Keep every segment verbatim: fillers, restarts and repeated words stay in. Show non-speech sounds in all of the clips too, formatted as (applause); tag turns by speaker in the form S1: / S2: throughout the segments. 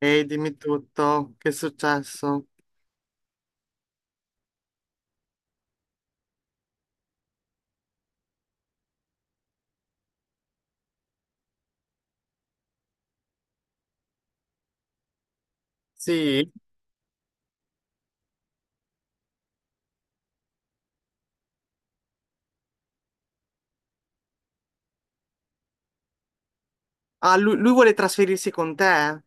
S1: Ehi, dimmi tutto, che è successo? Sì? Ah, lui, lui vuole trasferirsi con te?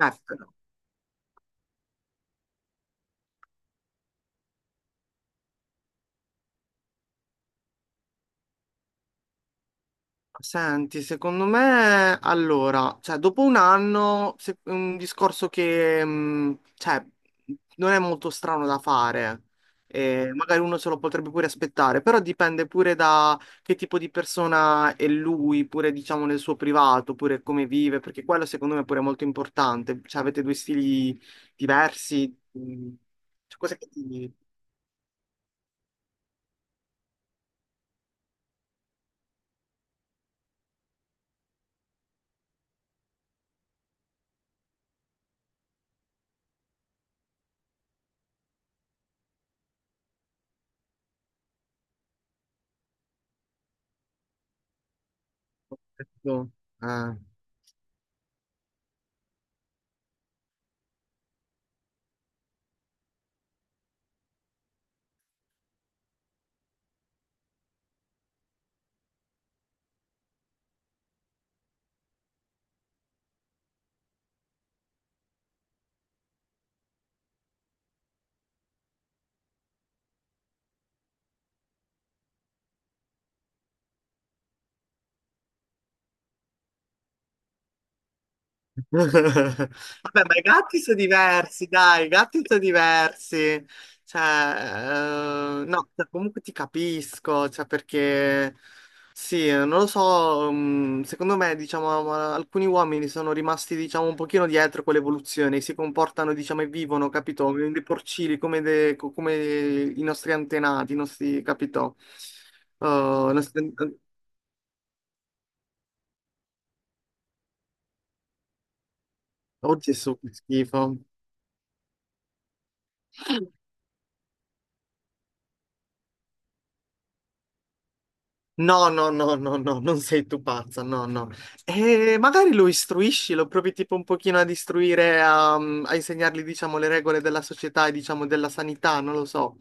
S1: Ecco. Senti, secondo me, allora, cioè, dopo un anno, se- un discorso che, mh, cioè, non è molto strano da fare, e magari uno se lo potrebbe pure aspettare, però dipende pure da che tipo di persona è lui, pure, diciamo, nel suo privato, pure come vive, perché quello secondo me pure è molto importante, cioè, avete due stili diversi, mh, cioè, cose che ti... Eh. (laughs) Vabbè, ma i gatti sono diversi, dai, i gatti sono diversi. Cioè, eh, no, cioè, comunque ti capisco, cioè, perché sì, non lo so, mm, secondo me, diciamo, ma alcuni uomini sono rimasti, diciamo, un pochino dietro con l'evoluzione, si comportano, diciamo, e vivono, capito? Come Dei porcini, come, de- co- come i nostri antenati, i nostri, capito? Eh, i nostri- Oh Gesù, che schifo. No, no, no, no, no, non sei tu pazza, no, no. E magari lo istruisci, lo provi tipo un pochino ad istruire, a, mm, a insegnargli, diciamo, le regole della società e, diciamo, della sanità, non lo so.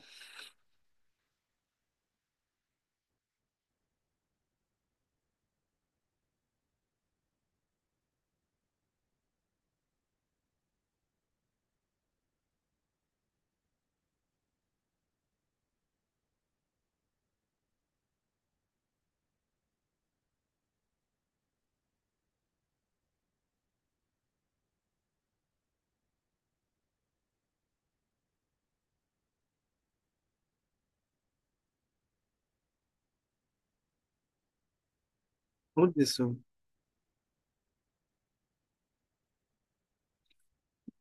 S1: Oddio, su.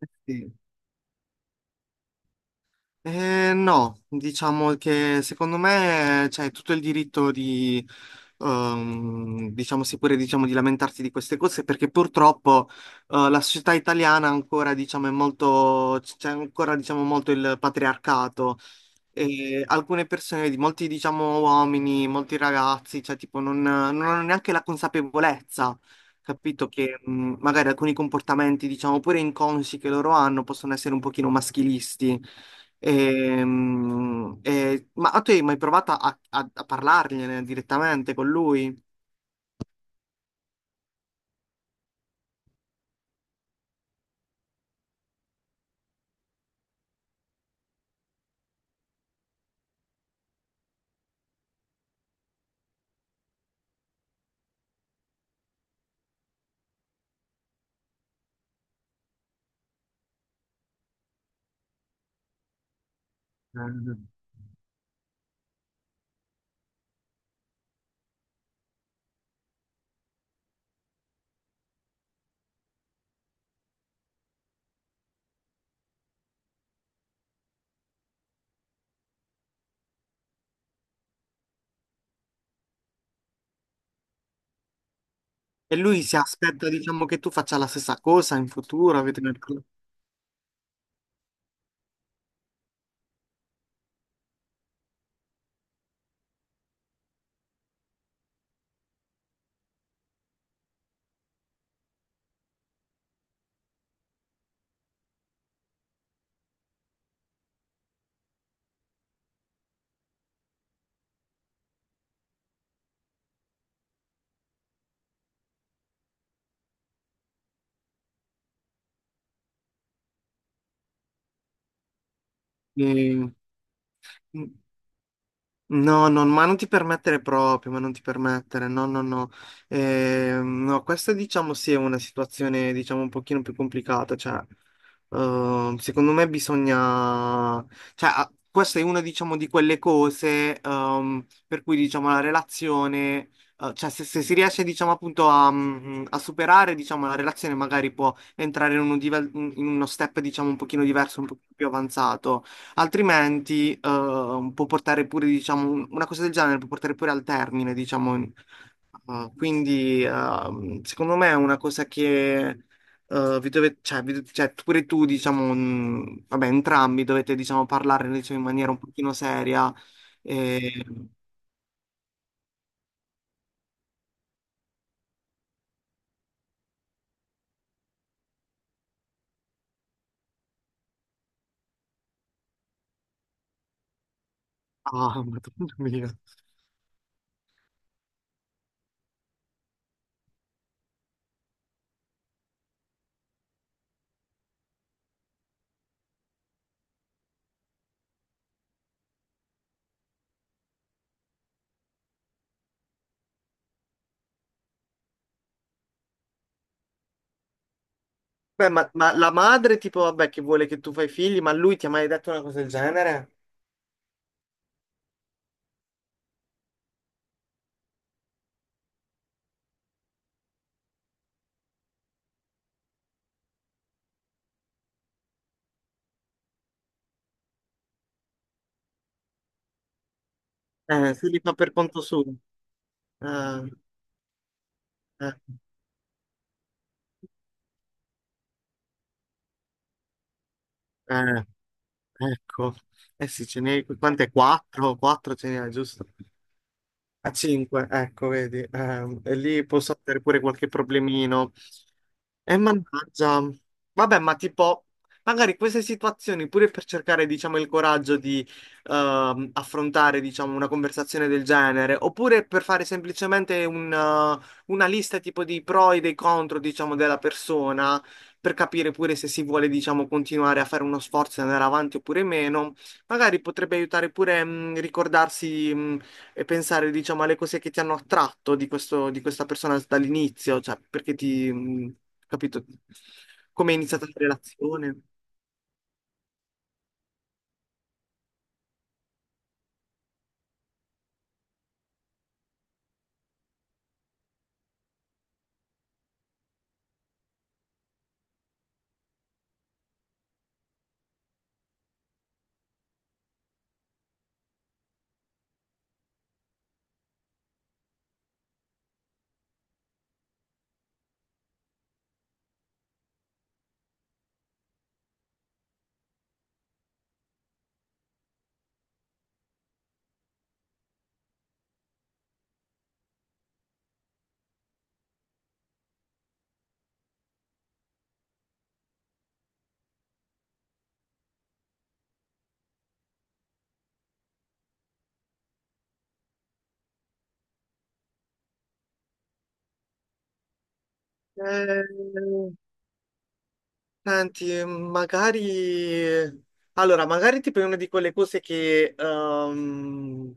S1: Eh, sì. Eh, no, diciamo che secondo me c'è tutto il diritto di, ehm, diciamo, sì, pure, diciamo, di lamentarsi di queste cose, perché purtroppo, eh, la società italiana ancora, diciamo, è molto, c'è ancora, diciamo, molto il patriarcato. E alcune persone, vedi, molti diciamo uomini, molti ragazzi, cioè tipo non, non hanno neanche la consapevolezza, capito? Che mh, magari alcuni comportamenti, diciamo, pure inconsci che loro hanno possono essere un pochino maschilisti. E, mh, e- ma tu hai mai provato a, a, a parlargliene direttamente con lui? Mm. E lui si aspetta, diciamo, che tu faccia la stessa cosa in futuro, avete una... E- No, no, ma non ti permettere proprio, ma non ti permettere, no, no, no. Ehm, no, questa diciamo sì è una situazione diciamo un pochino più complicata, cioè ehm, secondo me bisogna, cioè ah, questa è una diciamo di quelle cose ehm, per cui diciamo la relazione, eh, cioè se, se si riesce diciamo appunto a, mm, mm, a superare diciamo la relazione magari può entrare in, uno dive- in uno step diciamo un pochino diverso, un pochino più avanzato. Altrimenti, eh, può portare pure, diciamo, un- una cosa del genere può portare pure al termine, diciamo. Eh, quindi, ehm, secondo me è una cosa che, eh, vi dovete, cioè, vi- cioè, pure tu, diciamo, mh, vabbè, entrambi dovete, diciamo, parlare, diciamo, in maniera un pochino seria. E... Ah, (laughs) madonna mia. Beh, ma, ma la madre, tipo, vabbè, che vuole che tu fai figli, ma lui ti ha mai detto una cosa del genere? Eh, se li fa per conto suo. Eh, eh, eh. Ecco, eh sì, ce n'è, quante? Quattro, quattro ce n'è, giusto? A cinque, ecco, vedi, ehm, e lì posso avere pure qualche problemino. E mannaggia, vabbè, ma tipo, magari queste situazioni, pure per cercare, diciamo, il coraggio di ehm, affrontare, diciamo, una conversazione del genere, oppure per fare semplicemente un, eh, una lista tipo di pro e dei contro, diciamo, della persona, per capire pure se si vuole, diciamo, continuare a fare uno sforzo e andare avanti oppure meno, magari potrebbe aiutare pure mh, ricordarsi mm, e pensare, diciamo, alle cose che ti hanno attratto di questo, di questa persona dall'inizio, cioè perché ti, mh, capito, come è iniziata la relazione. Eh, senti, magari... Allora, magari tipo è una di quelle cose che... ehm,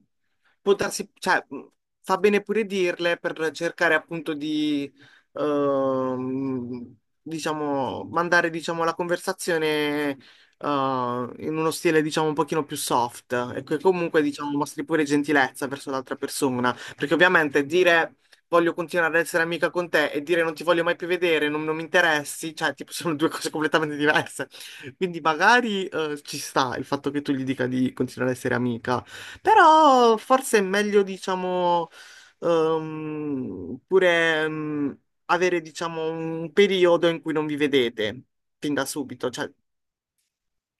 S1: può darsi, cioè, mh, fa bene pure dirle per cercare appunto di, ehm, diciamo, mandare, diciamo, la conversazione, eh, in uno stile, diciamo, un pochino più soft e che comunque, diciamo, mostri pure gentilezza verso l'altra persona, perché ovviamente dire voglio continuare ad essere amica con te e dire non ti voglio mai più vedere, non, non mi interessi, cioè, tipo, (laughs) sono due cose completamente diverse. Quindi magari eh, ci sta il fatto che tu gli dica di continuare ad essere amica, però forse è meglio, diciamo, ehm, pure ehm, avere, diciamo, un periodo in cui non vi vedete fin da subito, cioè,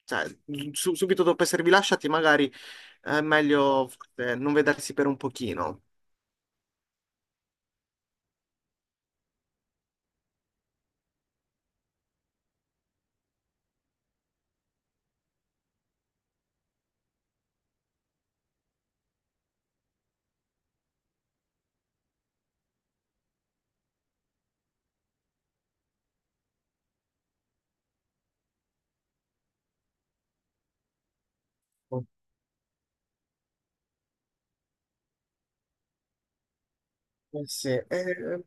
S1: cioè, su- subito dopo esservi lasciati, magari è meglio forse, non vedersi per un pochino. Eh sì, eh,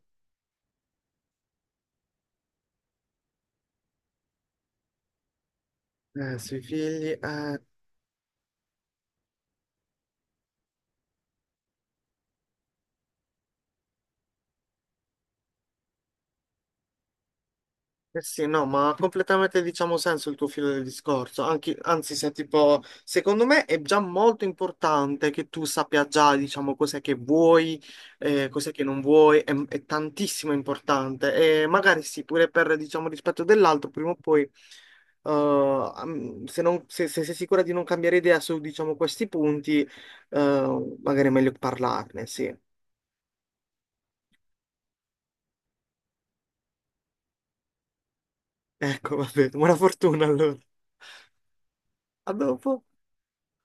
S1: eh, sui figli. Eh. Eh sì, no, ma ha completamente diciamo senso il tuo filo del discorso. Anche, anzi, se tipo, secondo me è già molto importante che tu sappia già, diciamo, cos'è che vuoi, eh, cos'è che non vuoi, è, è tantissimo importante. E magari sì, pure per, diciamo, rispetto dell'altro, prima o poi, eh, am- se, non- se- se sei sicura di non cambiare idea su, diciamo, questi punti, eh, magari è meglio parlarne, sì. Ecco, (laughs) va bene, buona fortuna allora. A dopo.